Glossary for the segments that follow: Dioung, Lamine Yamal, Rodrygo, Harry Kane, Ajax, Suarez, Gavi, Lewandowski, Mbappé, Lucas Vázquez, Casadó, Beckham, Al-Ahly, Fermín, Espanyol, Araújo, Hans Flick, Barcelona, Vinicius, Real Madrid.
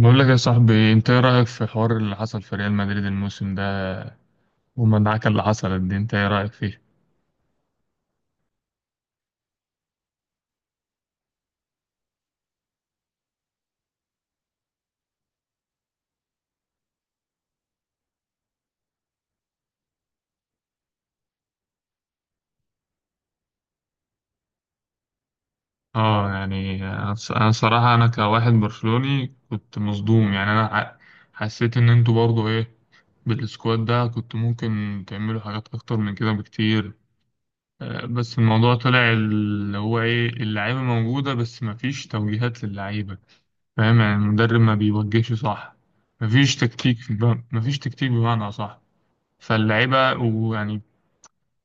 بقول لك يا صاحبي، انت ايه رأيك في حوار اللي حصل في ريال مدريد الموسم ده والمدعكة اللي حصلت دي؟ انت ايه رأيك فيه؟ اه، يعني انا أنا صراحة انا كواحد برشلوني كنت مصدوم. يعني انا حسيت ان انتوا برضو ايه، بالسكواد ده كنت ممكن تعملوا حاجات اكتر من كده بكتير. بس الموضوع طلع اللي هو ايه، اللعيبة موجودة بس مفيش توجيهات للعيبة. فاهم؟ يعني المدرب ما بيوجهش، صح؟ مفيش تكتيك مفيش تكتيك بمعنى صح. فاللعيبة ويعني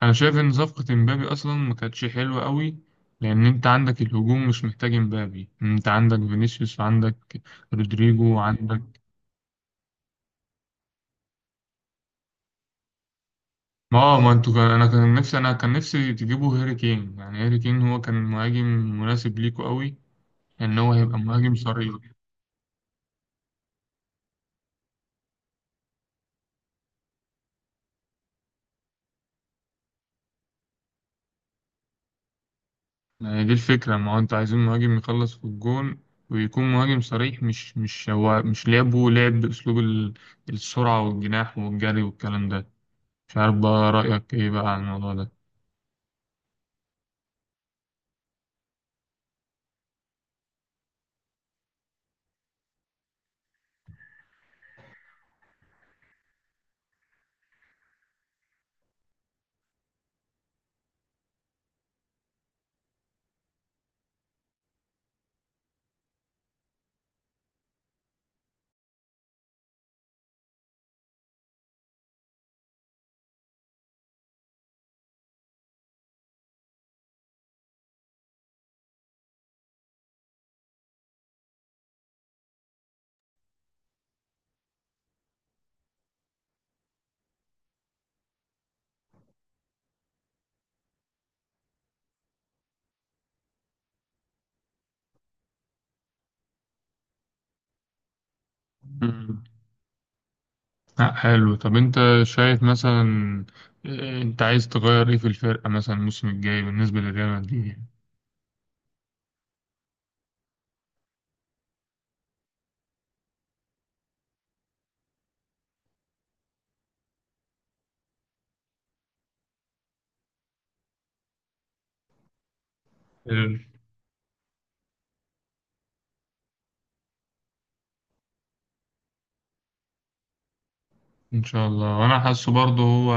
انا شايف ان صفقة امبابي اصلا ما كانتش حلوة قوي، لان انت عندك الهجوم مش محتاج امبابي، انت عندك فينيسيوس وعندك رودريجو وعندك. ما هو ما انتوا كان، انا كان نفسي، انا كان نفسي تجيبوا هاري كين. يعني هاري كين هو كان مهاجم مناسب ليكوا قوي، ان هو هيبقى مهاجم صريح. يعني دي الفكرة، ما هو انتوا عايزين مهاجم يخلص في الجون ويكون مهاجم صريح، مش مش هو مش لعبه لعب باسلوب السرعة والجناح والجري والكلام ده. مش عارف بقى رأيك ايه بقى على الموضوع ده. لا حلو، طب انت شايف مثلا، اه، انت عايز تغير ايه في الفرقة مثلا الموسم الجاي بالنسبة للريال مدريد يعني؟ ال- ان شاء الله. وانا حاسه برضه هو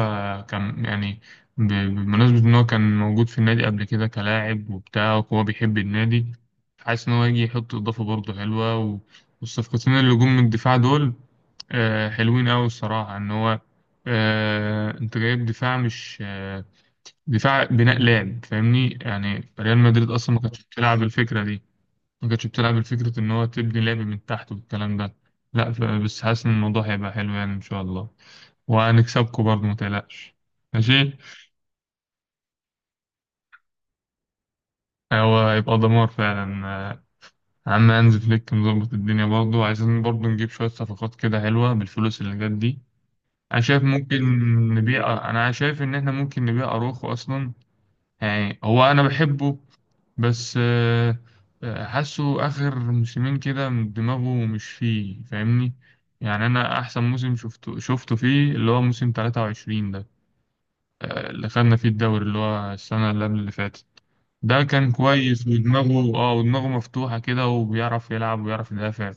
كان يعني بمناسبة ان هو كان موجود في النادي قبل كده كلاعب وبتاع وهو بيحب النادي، حاسس ان هو يجي يحط اضافة برضه حلوة. والصفقتين اللي جم من الدفاع دول، اه، حلوين قوي الصراحة. ان هو اه، انت جايب دفاع مش دفاع بناء لعب، فاهمني؟ يعني ريال مدريد اصلا ما كانتش بتلعب الفكره دي، ما كانتش بتلعب الفكره ان هو تبني لعب من تحت والكلام ده. لا ف- بس حاسس ان الموضوع هيبقى حلو يعني ان شاء الله، وهنكسبكم برضه ما تقلقش. ماشي. هو هيبقى دمار فعلا. عم هانز فليك مظبط الدنيا. برضه عايزين برضه نجيب شويه صفقات كده حلوه بالفلوس اللي جت دي. انا شايف ممكن نبيع، انا شايف ان احنا ممكن نبيع اروخو اصلا. يعني هو انا بحبه، بس آه، حاسه اخر موسمين كده دماغه مش فيه، فاهمني؟ يعني انا احسن موسم شفته فيه اللي هو موسم 23 ده، اللي خدنا فيه الدوري اللي هو السنة اللي قبل اللي فاتت. ده كان كويس، ودماغه اه، ودماغه مفتوحة كده، وبيعرف يلعب وبيعرف يدافع.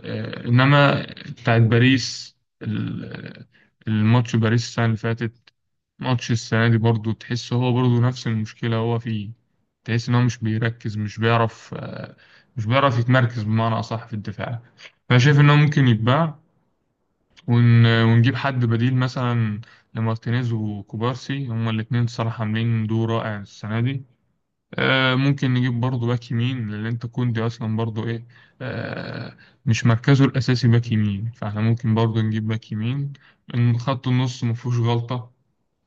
انما بتاعت باريس، ال- الماتش باريس السنة اللي فاتت، ماتش السنة دي برضو، تحس هو برضو نفس المشكلة هو فيه. تحس إن هو مش بيركز، مش بيعرف مش بيعرف يتمركز بمعنى أصح في الدفاع. فأنا شايف إن هو ممكن يتباع ونجيب حد بديل مثلا لمارتينيز وكوبارسي، هما الاتنين الصراحة عاملين دور رائع السنة دي. ممكن نجيب برضو باك يمين، لأن أنت كوندي أصلا برضو إيه، آه، مش مركزه الأساسي باك يمين، فإحنا ممكن برضو نجيب باك يمين. إن خط النص مفهوش غلطة،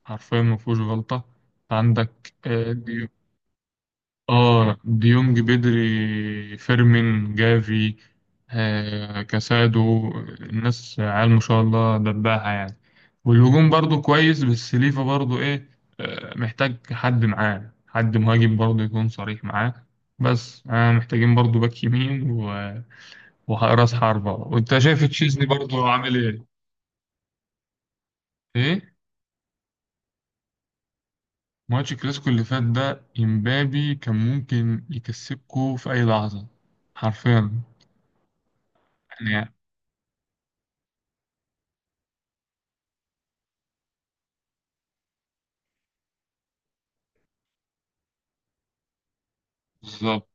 حرفيا ما فيهوش غلطة. عندك آه، ديونج، بدري، فيرمين، جافي، آه، كاسادو. الناس عيال ما شاء الله دباها يعني. والهجوم برضو كويس بس ليفا برضو إيه، آه، محتاج حد معاه، حد مهاجم برضو يكون صريح معاه. بس آه، محتاجين برضو باك يمين وراس حربة. وأنت شايف تشيزني برضو عامل إيه؟ إيه؟ ماتش الكلاسيكو اللي فات ده، امبابي كان ممكن يكسبكو في اي لحظه، حرفيا يعني. بالظبط.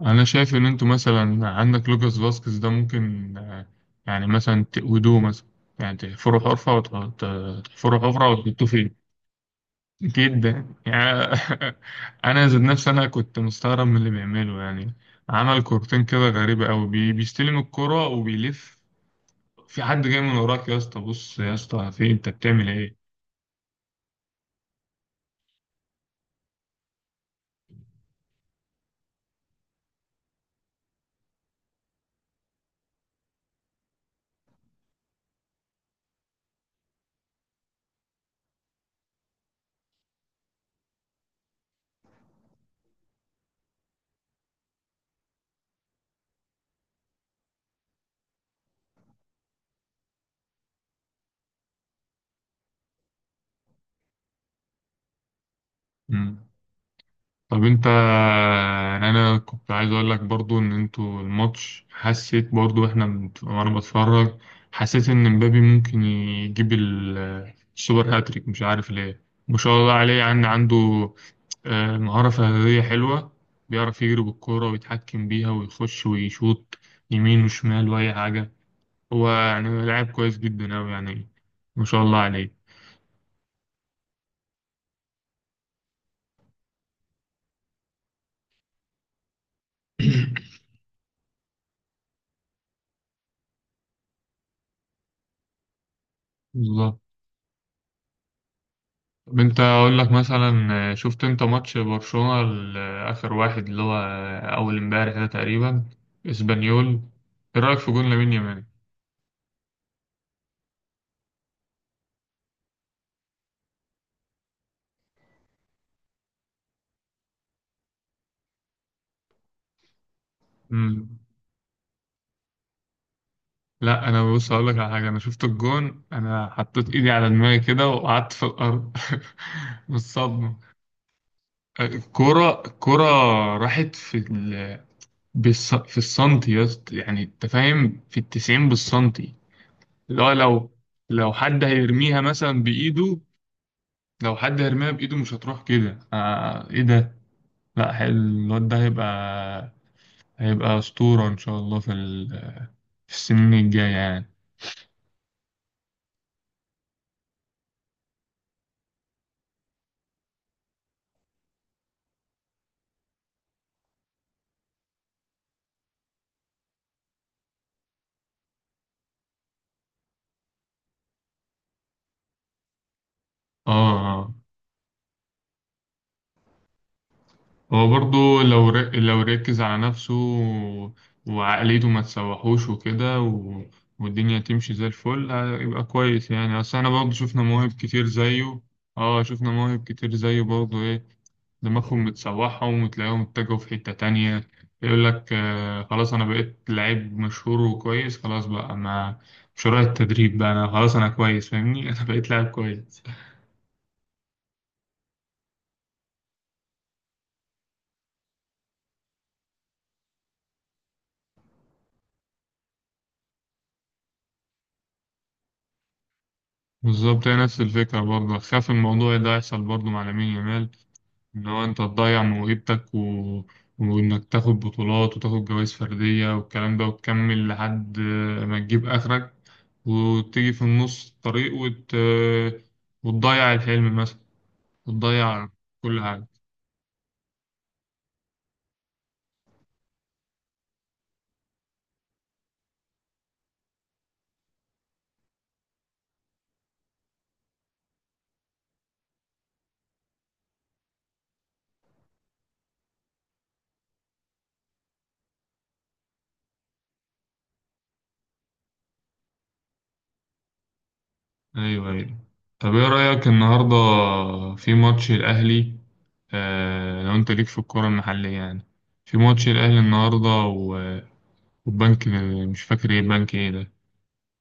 انا شايف ان انتوا مثلا عندك لوكاس فاسكيز ده ممكن يعني مثلا تقودوه مثلا، يعني تحفروا حفره تحفروا حفره وتحطوه فيه. جدا يعني. انا ذات نفسي انا كنت مستغرب من اللي بيعمله يعني. عمل كورتين كده غريبه قوي، بي بيستلم الكرة وبيلف، في حد جاي من وراك يا اسطى، بص يا اسطى في إيه؟ انت بتعمل ايه؟ طب انت يعني انا كنت عايز اقول لك برضو ان انتوا الماتش، حسيت برضو احنا وانا بتفرج، حسيت ان مبابي ممكن يجيب السوبر هاتريك. مش عارف ليه، ما شاء الله عليه. يعني عنده مهارة فردية حلوة، بيعرف يجري بالكورة ويتحكم بيها ويخش ويشوط يمين وشمال وأي حاجة. هو يعني لاعب كويس جدا أوي يعني، ما شاء الله عليه. بالظبط. طب انت اقول لك مثلا، شفت انت ماتش برشلونة اخر واحد اللي هو اول امبارح ده تقريبا، اسبانيول؟ ايه رايك في جون لامين يامال؟ مم. لا انا بص اقول لك على حاجه، انا شفت الجون انا حطيت ايدي على دماغي كده وقعدت في الارض من الصدمه. الكرة، الكرة راحت في في السنتي يا اسطى، يعني انت فاهم، في التسعين بالسنتي. اللي هو لو، لو حد هيرميها مثلا بإيده، لو حد هرميها بإيده مش هتروح كده، آه إيه ده! لا حل- الواد ده هيبقى، هيبقى أسطورة إن شاء الله في في السنين الجاية يعني. آه آه. هو برضو لو لو ركز على نفسه وعقليته ما تسوحوش وكده والدنيا تمشي زي الفل هيبقى كويس. يعني أصل احنا برضو شفنا مواهب كتير زيه، اه، شفنا مواهب كتير زيه برضو ايه، دماغهم متسوحهم وتلاقيهم اتجهوا في حتة تانية. يقول لك آه خلاص أنا بقيت لعيب مشهور وكويس خلاص بقى، ما مش رايح التدريب بقى، أنا خلاص أنا كويس فاهمني أنا بقيت لاعب كويس. بالظبط، هي نفس الفكرة، برضه خاف الموضوع ده يحصل برضه مع لامين يامال، إن هو أنت تضيع موهبتك وإنك تاخد بطولات وتاخد جوائز فردية والكلام ده، وتكمل لحد ما تجيب آخرك، وتيجي في النص الطريق وتضيع الحلم مثلا، بتضيع كل حاجة. أيوه أيوه. طب إيه رأيك النهاردة في ماتش الأهلي؟ آه لو أنت ليك في الكورة المحلية يعني، في ماتش الأهلي النهاردة و- والبنك، مش فاكر إيه البنك إيه ده،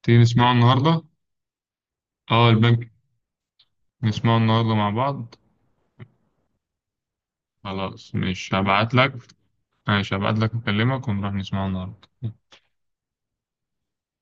تيجي نسمعه النهاردة؟ أه البنك، نسمعه النهاردة مع بعض. خلاص مش هبعتلك، ماشي هبعتلك أكلمك ونروح نسمعه النهاردة.